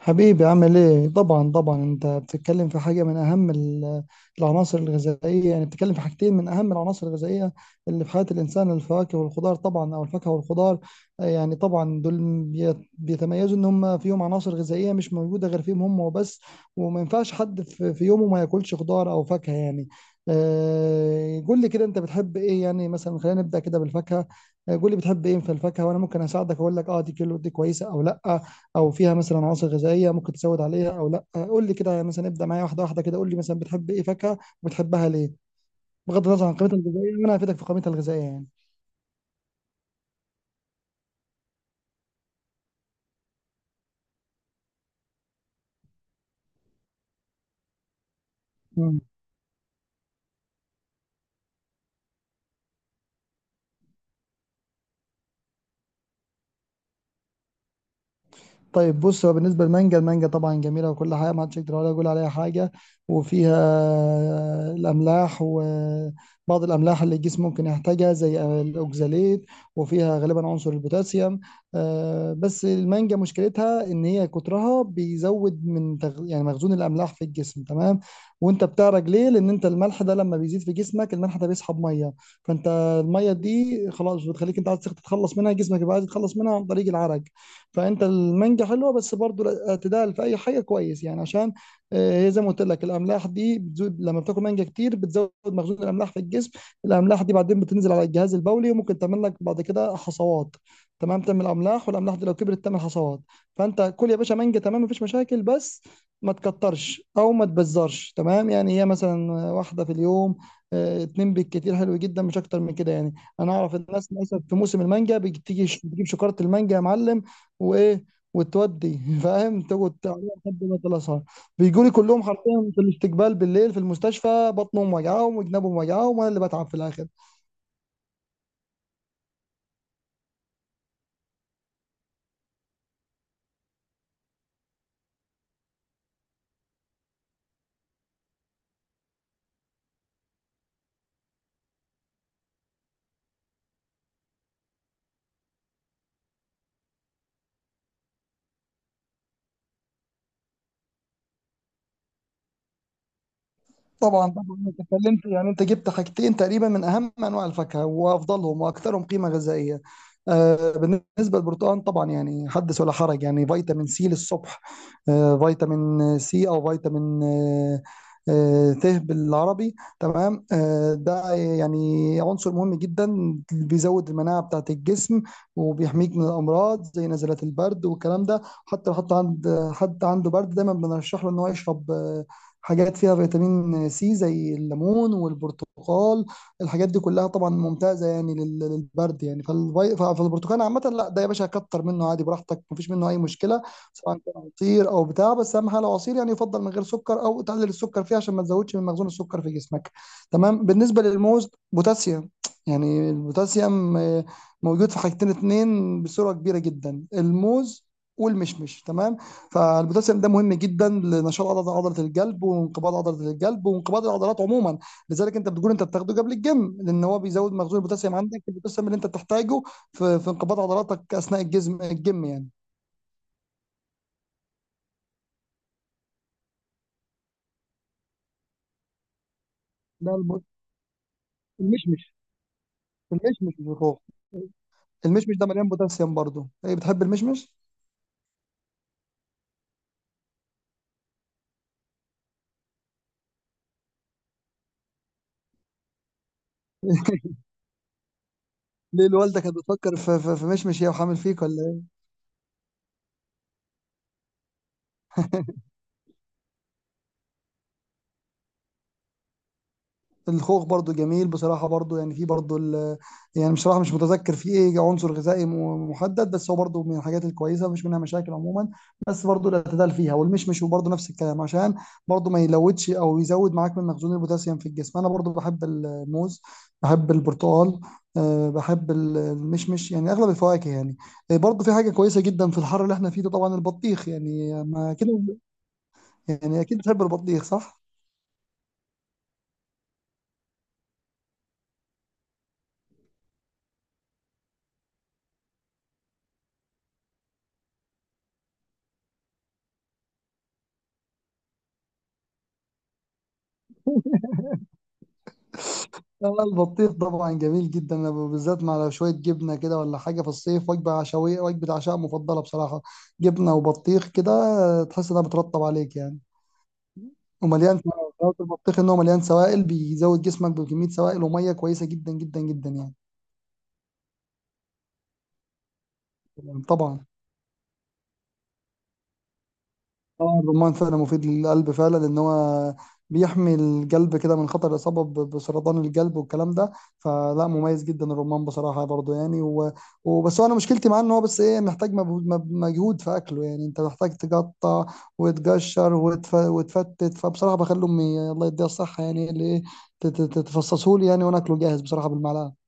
حبيبي عامل ايه؟ طبعا طبعا انت بتتكلم في حاجه من اهم العناصر الغذائيه. يعني بتتكلم في حاجتين من اهم العناصر الغذائيه اللي في حياه الانسان، الفواكه والخضار، طبعا او الفاكهه والخضار. يعني طبعا دول بيتميزوا ان هم فيهم عناصر غذائيه مش موجوده غير فيهم هم وبس. وما ينفعش حد في يومه ما ياكلش خضار او فاكهه، يعني. قول لي كده، انت بتحب ايه؟ يعني مثلا خلينا نبدا كده بالفاكهه. قول لي بتحب ايه في الفاكهه وانا ممكن اساعدك اقول لك اه دي كيلو دي كويسه او لا، او فيها مثلا عناصر غذائيه ممكن تزود عليها او لا. قول لي كده، يعني مثلا ابدا معايا واحده واحده كده، قول لي مثلا بتحب ايه فاكهه وبتحبها ليه، بغض النظر عن قيمتها الغذائيه، وانا هفيدك في قيمتها الغذائيه يعني. مم. طيب بص، هو بالنسبة للمانجا، المانجا طبعا جميلة وكل حاجة، ما حدش يقدر ولا يقول عليها حاجة. وفيها الأملاح، وبعض الأملاح اللي الجسم ممكن يحتاجها زي الأوكزاليت، وفيها غالبا عنصر البوتاسيوم. بس المانجا مشكلتها إن هي كترها بيزود من يعني مخزون الأملاح في الجسم، تمام؟ وأنت بتعرج ليه؟ لأن أنت الملح ده لما بيزيد في جسمك، الملح ده بيسحب مية، فأنت المية دي خلاص بتخليك أنت عايز تتخلص منها، جسمك يبقى عايز يتخلص منها عن طريق العرق. فانت المانجا حلوه، بس برضو الاعتدال في اي حاجه كويس، يعني عشان هي زي ما قلت لك الاملاح دي بتزود، لما بتاكل مانجا كتير بتزود مخزون الاملاح في الجسم. الاملاح دي بعدين بتنزل على الجهاز البولي، وممكن تعمل لك بعد كده حصوات، تمام؟ تعمل املاح، والاملاح دي لو كبرت تعمل حصوات. فانت كل يا باشا مانجا، تمام، مفيش مشاكل، بس ما تكترش او ما تبزرش، تمام؟ يعني هي مثلا واحده في اليوم، اتنين بالكتير، حلو جدا، مش اكتر من كده يعني. انا اعرف الناس مثلا في موسم المانجا بتيجي بتجيب شكاره المانجا يا معلم، وايه، وتودي فاهم، تقعد تعمل لحد ما تلصها. بيجوا لي كلهم حرفيا في الاستقبال بالليل في المستشفى، بطنهم وجعهم وجنابهم وجعهم، وانا اللي بتعب في الاخر. طبعا طبعا انت اتكلمت، يعني انت جبت حاجتين تقريبا من اهم انواع الفاكهه وافضلهم واكثرهم قيمه غذائيه. بالنسبه للبرتقال طبعا، يعني حدث ولا حرج، يعني فيتامين سي للصبح. فيتامين سي، او فيتامين ت بالعربي، تمام، ده يعني عنصر مهم جدا، بيزود المناعه بتاعه الجسم، وبيحميك من الامراض زي نزلات البرد والكلام ده. حتى لو حد عنده برد دايما بنرشح له ان هو يشرب حاجات فيها فيتامين سي زي الليمون والبرتقال. الحاجات دي كلها طبعا ممتازة، يعني للبرد يعني، فالبرتقال عامة، لا ده يا باشا كتر منه عادي براحتك، مفيش منه أي مشكلة، سواء كان عصير أو بتاع. بس أهم حاجة لو عصير، يعني يفضل من غير سكر، أو تقلل السكر فيه عشان ما تزودش من مخزون السكر في جسمك، تمام. بالنسبة للموز، بوتاسيوم، يعني البوتاسيوم موجود في حاجتين اتنين بصورة كبيرة جدا، الموز والمشمش، تمام. فالبوتاسيوم ده مهم جدا لنشاط عضله الجلب، وانقباض عضله الجلب، وانقباض العضلات عموما. لذلك انت بتقول انت بتاخده قبل الجيم، لان هو بيزود مخزون البوتاسيوم عندك، البوتاسيوم اللي انت بتحتاجه في انقباض عضلاتك اثناء الجيم يعني. ده الب- المشمش، المشمش اللي فوق، المشمش ده مليان بوتاسيوم برضه. ايه، بتحب المشمش؟ ليه، الوالده كانت بتفكر في مشمش هي وحامل فيك ولا؟ الخوخ برضو جميل بصراحة، برضو يعني في برضو يعني بصراحة مش متذكر في ايه عنصر غذائي محدد، بس هو برضو من الحاجات الكويسة، مفيش منها مشاكل عموما. بس برضو الاعتدال فيها، والمشمش وبرضو نفس الكلام، عشان برضو ما يلودش او يزود معاك من مخزون البوتاسيوم في الجسم. انا برضو بحب الموز، بحب البرتقال، بحب المشمش يعني، اغلب الفواكه يعني. برضو في حاجة كويسة جدا في الحر اللي احنا فيه ده، طبعا البطيخ يعني، ما كده؟ يعني اكيد بتحب البطيخ، صح؟ البطيخ طبعا جميل جدا، أنا بالذات مع لو شويه جبنه كده ولا حاجه في الصيف، وجبه عشوائيه، وجبه عشاء مفضله بصراحه. جبنه وبطيخ كده، تحس انها بترطب عليك يعني. ومليان سوائل، البطيخ ان هو مليان سوائل، بيزود جسمك بكميه سوائل وميه كويسه جدا جدا جدا يعني. طبعا. اه، الرمان فعلا مفيد للقلب فعلا، لان هو بيحمي القلب كده من خطر الاصابه بسرطان القلب والكلام ده. فلا، مميز جدا الرمان بصراحه برضو يعني، وبس هو انا مشكلتي معاه ان هو بس ايه، محتاج مجهود، مجهود في اكله، يعني انت محتاج تقطع وتقشر وتفتت. فبصراحه بخلي امي، الله يديها الصحه، يعني اللي ايه، تفصصه لي يعني، وانا اكله جاهز بصراحه بالمعلقه.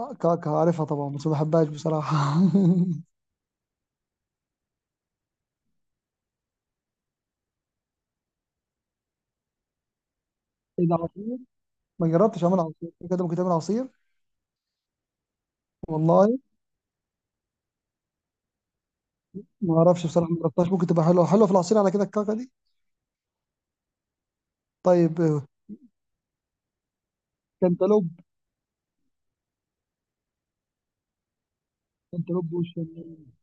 كعكه عارفها طبعا، بس ما بحبهاش بصراحه ايه ده، عصير؟ ما جربتش اعمل عصير كده. ممكن تعمل عصير؟ والله ما اعرفش بصراحه، ما جربتهاش. ممكن تبقى حلوه، حلوه في العصير على كده الكعكه دي. طيب، كانتالوب. كانتالوب وش يعني.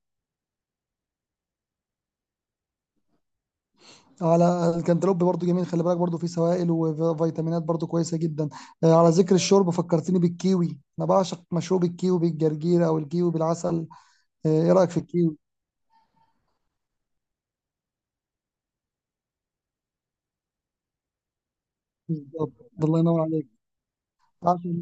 على الكنتالوب برضو جميل، خلي بالك برضو فيه سوائل وفيتامينات، برضو كويسه جدا. على ذكر الشرب، فكرتني بالكيوي، انا بعشق مشروب الكيوي بالجرجير او الكيوي بالعسل. ايه رايك في الكيوي؟ بالظبط. الله ينور عليك. عشان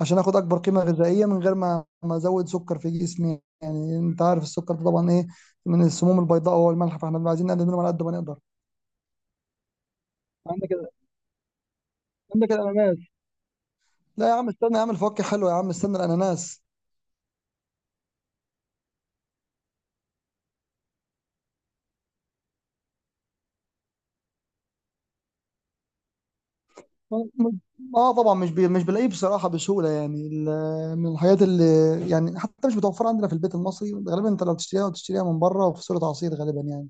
اخد اكبر قيمه غذائيه من غير ما ازود سكر في جسمي. يعني انت عارف السكر ده طبعا ايه، من السموم البيضاء، والملح، فاحنا عايزين نقلل منهم على قد ما نقدر. عندك عندك الاناناس. لا يا عم استنى، يا عم الفواكه حلوه، يا عم استنى الاناناس. م- اه طبعا، مش بلاقيه بصراحه بسهوله، يعني من الحاجات اللي يعني حتى مش متوفره عندنا في البيت المصري غالبا. انت لو تشتريها، وتشتريها من بره وفي صوره عصير غالبا يعني.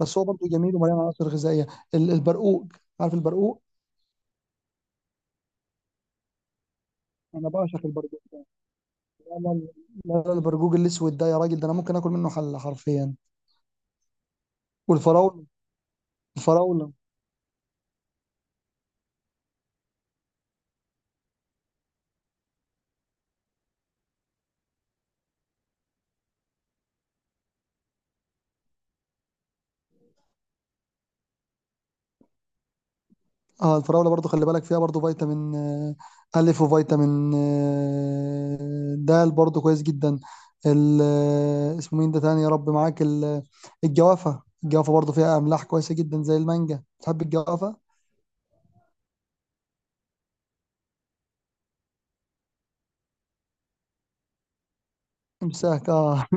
بس هو برضه جميل ومليان عناصر غذائيه. البرقوق، عارف البرقوق؟ انا بعشق البرقوق. لا لا، لا لا، البرقوق الاسود ده يا راجل، ده انا ممكن اكل منه حله حرفيا. والفراوله. الفراوله. اه، الفراولة برضو خلي بالك فيها، برضو فيتامين ألف، وفيتامين د، برضو كويس جدا. اسمه مين ده تاني، يا رب معاك، الجوافة. الجوافة برضو فيها أملاح كويسة جدا زي المانجا. تحب الجوافة؟ امساك، اه.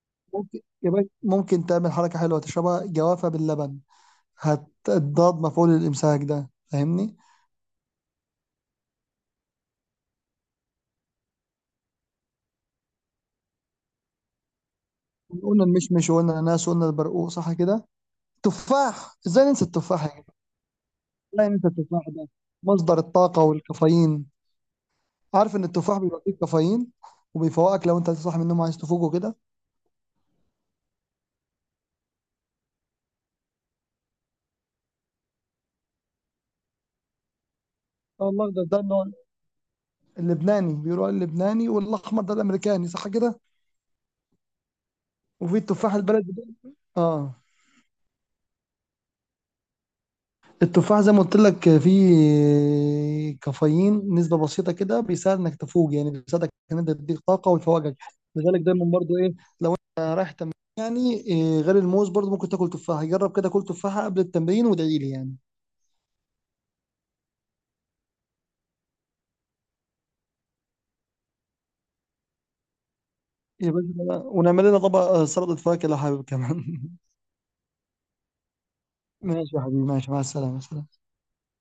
ممكن يا باشا، ممكن تعمل حركة حلوة، تشربها جوافة باللبن، هتضاد مفعول الإمساك ده، فاهمني؟ قلنا المشمش، وقلنا الأناناس، وقلنا البرقوق، صح كده؟ تفاح، ازاي ننسى التفاح يا. لا، انت التفاح ده مصدر الطاقة والكافيين. عارف ان التفاح بيبقى فيه كافيين، وبيفوقك لو انت صاحي من النوم عايز تفوق وكده. اه، الاخضر ده اللي هو اللبناني، بيقولوا عليه اللبناني، والاحمر ده الامريكاني، صح كده. وفي التفاح البلدي ده. اه، التفاح زي ما قلت لك فيه كافيين نسبة بسيطة كده، بيساعد انك تفوق يعني، بيساعدك ان انت تديك طاقة ويفوقك. لذلك دايما برضو ايه، لو انت رايح تمرين يعني، إيه غير الموز، برضو ممكن تاكل تفاحة. جرب كده، كل تفاحة قبل التمرين وادعي لي يعني. يا باشا، ونعمل لنا طبق سلطة فاكهة لو حابب كمان. ماشي يا حبيبي، ماشي، مع السلامة، سلام.